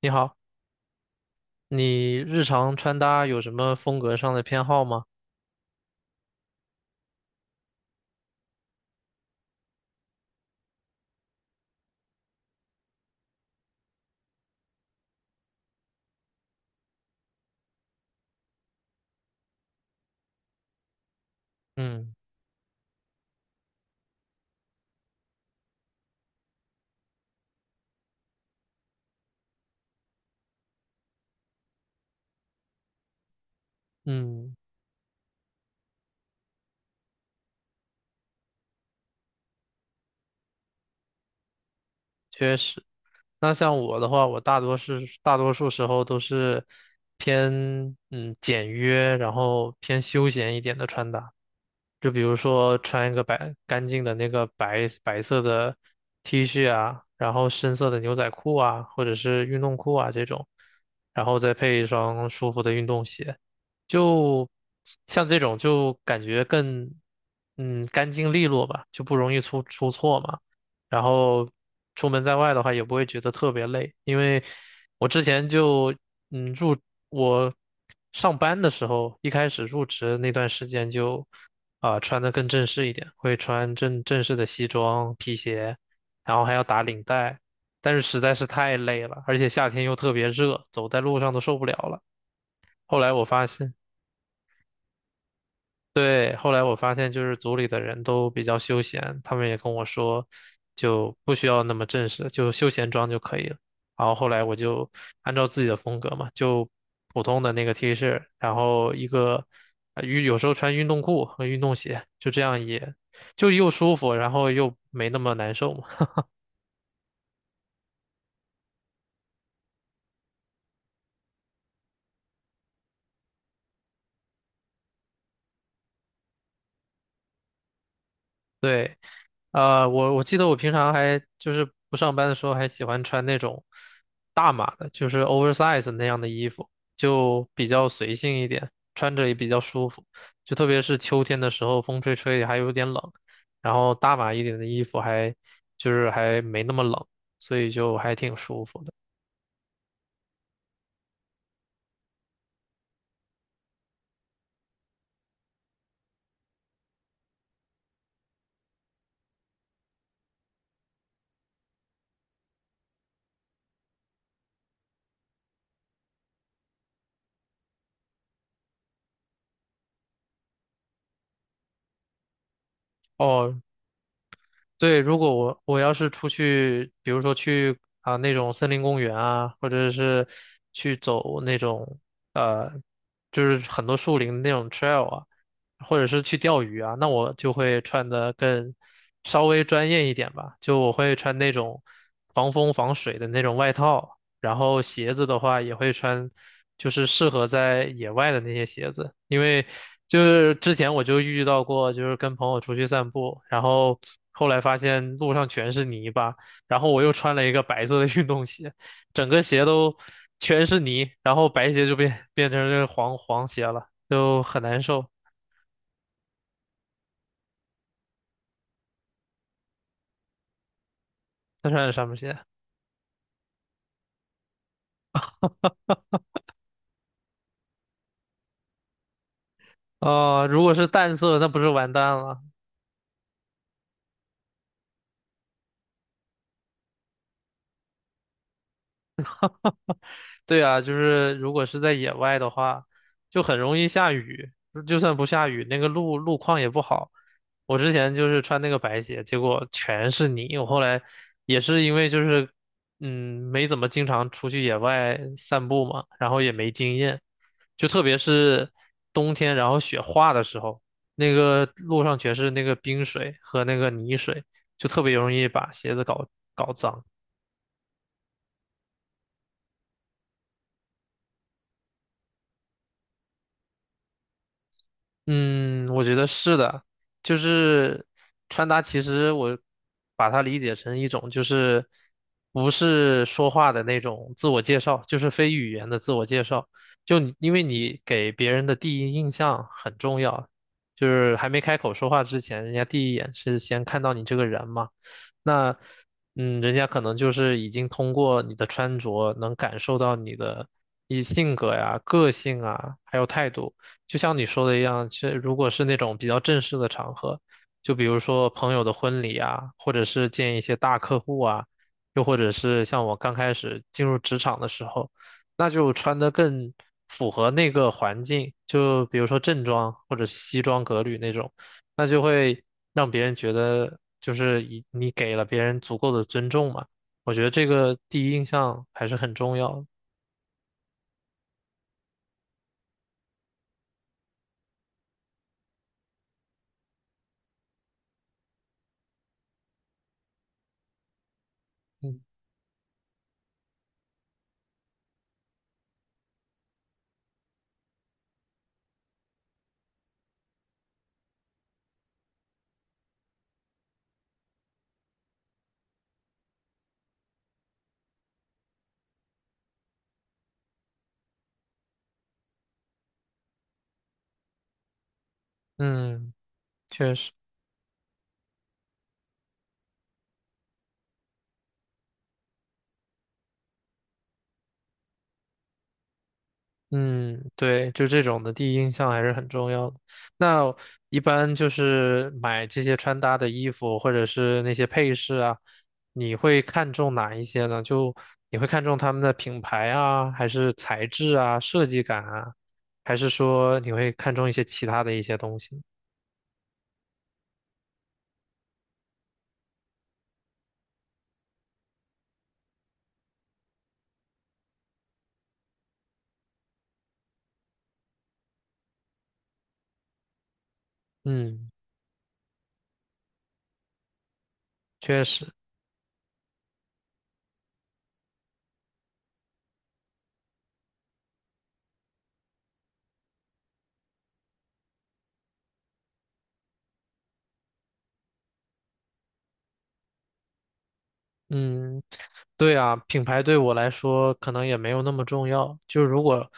你好，你日常穿搭有什么风格上的偏好吗？嗯嗯，确实。那像我的话，我大多是大多数时候都是偏简约，然后偏休闲一点的穿搭。就比如说穿一个白干净的那个白色的 T 恤啊，然后深色的牛仔裤啊，或者是运动裤啊这种，然后再配一双舒服的运动鞋，就像这种就感觉更干净利落吧，就不容易出错嘛。然后出门在外的话也不会觉得特别累，因为我之前就嗯入我上班的时候，一开始入职那段时间就穿的更正式一点，会穿正式的西装、皮鞋，然后还要打领带，但是实在是太累了，而且夏天又特别热，走在路上都受不了了。后来我发现。对，后来我发现就是组里的人都比较休闲，他们也跟我说，就不需要那么正式，就休闲装就可以了。然后后来我就按照自己的风格嘛，就普通的那个 T 恤，然后一个有时候穿运动裤和运动鞋，就这样也就又舒服，然后又没那么难受嘛。对，我记得我平常还就是不上班的时候，还喜欢穿那种大码的，就是 oversize 那样的衣服，就比较随性一点，穿着也比较舒服。就特别是秋天的时候，风吹吹还有点冷，然后大码一点的衣服还就是还没那么冷，所以就还挺舒服的。哦，对，如果我要是出去，比如说去啊那种森林公园啊，或者是去走那种呃，就是很多树林那种 trail 啊，或者是去钓鱼啊，那我就会穿的更稍微专业一点吧，就我会穿那种防风防水的那种外套，然后鞋子的话也会穿，就是适合在野外的那些鞋子，因为就是之前我就遇到过，就是跟朋友出去散步，然后后来发现路上全是泥巴，然后我又穿了一个白色的运动鞋，整个鞋都全是泥，然后白鞋就变成这个黄鞋了，就很难受。再穿点什么鞋？哦，如果是淡色，那不是完蛋了。对啊，就是如果是在野外的话，就很容易下雨。就算不下雨，那个路况也不好。我之前就是穿那个白鞋，结果全是泥。我后来也是因为就是，没怎么经常出去野外散步嘛，然后也没经验，就特别是冬天，然后雪化的时候，那个路上全是那个冰水和那个泥水，就特别容易把鞋子搞脏。嗯，我觉得是的，就是穿搭，其实我把它理解成一种，就是不是说话的那种自我介绍，就是非语言的自我介绍。就你因为你给别人的第一印象很重要，就是还没开口说话之前，人家第一眼是先看到你这个人嘛。那人家可能就是已经通过你的穿着能感受到你的一性格呀、个性啊，还有态度。就像你说的一样，其实如果是那种比较正式的场合，就比如说朋友的婚礼啊，或者是见一些大客户啊，又或者是像我刚开始进入职场的时候，那就穿得更符合那个环境，就比如说正装或者西装革履那种，那就会让别人觉得就是你给了别人足够的尊重嘛。我觉得这个第一印象还是很重要的。嗯嗯，确实。嗯，对，就这种的第一印象还是很重要的。那一般就是买这些穿搭的衣服或者是那些配饰啊，你会看重哪一些呢？就你会看重他们的品牌啊，还是材质啊、设计感啊，还是说你会看重一些其他的一些东西？嗯，确实。嗯，对啊，品牌对我来说可能也没有那么重要。就如果，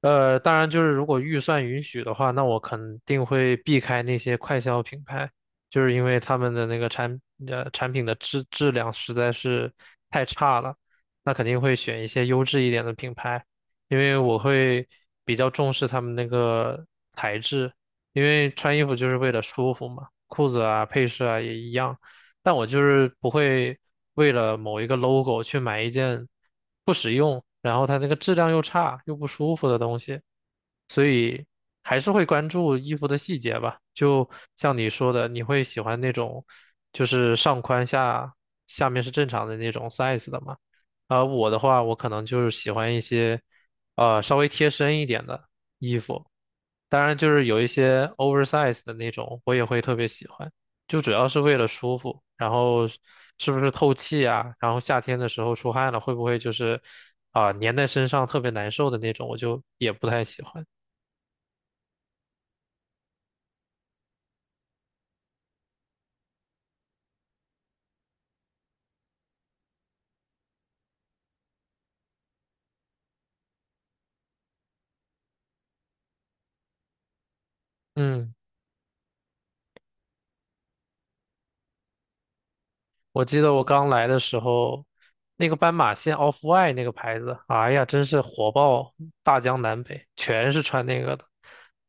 当然就是如果预算允许的话，那我肯定会避开那些快消品牌，就是因为他们的那个产品的质量实在是太差了，那肯定会选一些优质一点的品牌，因为我会比较重视他们那个材质，因为穿衣服就是为了舒服嘛，裤子啊、配饰啊也一样。但我就是不会为了某一个 logo 去买一件不实用，然后它那个质量又差又不舒服的东西，所以还是会关注衣服的细节吧。就像你说的，你会喜欢那种就是上宽下下面是正常的那种 size 的嘛？而我的话，我可能就是喜欢一些稍微贴身一点的衣服，当然就是有一些 oversize 的那种，我也会特别喜欢。就主要是为了舒服，然后是是不是透气啊？然后夏天的时候出汗了，会不会就是粘在身上特别难受的那种？我就也不太喜欢。嗯。我记得我刚来的时候，那个斑马线 Off-White 那个牌子，哎呀，真是火爆大江南北，全是穿那个的。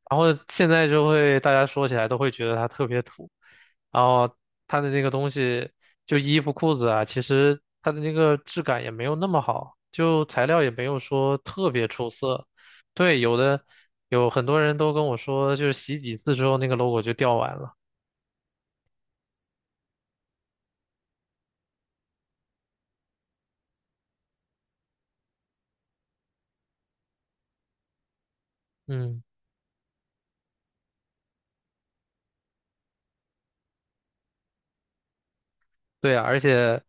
然后现在就会大家说起来都会觉得它特别土，然后它的那个东西，就衣服裤子啊，其实它的那个质感也没有那么好，就材料也没有说特别出色。对，有很多人都跟我说，就是洗几次之后那个 logo 就掉完了。嗯。对啊，而且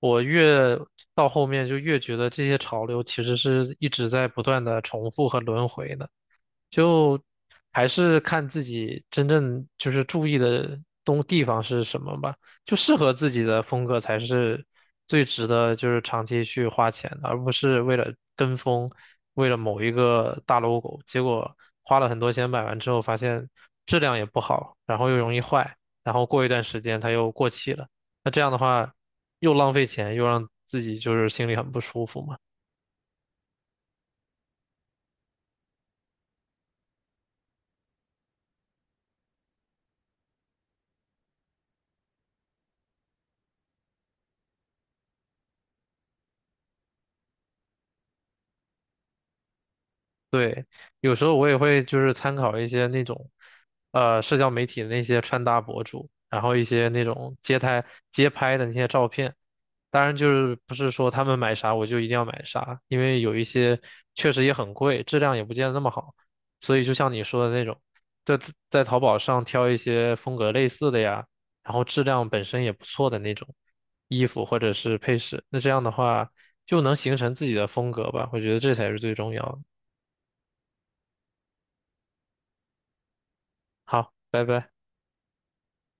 我越到后面就越觉得这些潮流其实是一直在不断的重复和轮回的。就还是看自己真正就是注意的东地方是什么吧，就适合自己的风格才是最值得就是长期去花钱的，而不是为了跟风，为了某一个大 logo，结果花了很多钱买完之后发现质量也不好，然后又容易坏，然后过一段时间它又过气了，那这样的话又浪费钱，又让自己就是心里很不舒服嘛。对，有时候我也会就是参考一些那种，社交媒体的那些穿搭博主，然后一些那种街拍的那些照片。当然，就是不是说他们买啥我就一定要买啥，因为有一些确实也很贵，质量也不见得那么好。所以就像你说的那种，在在淘宝上挑一些风格类似的呀，然后质量本身也不错的那种衣服或者是配饰，那这样的话就能形成自己的风格吧，我觉得这才是最重要的。好，拜拜。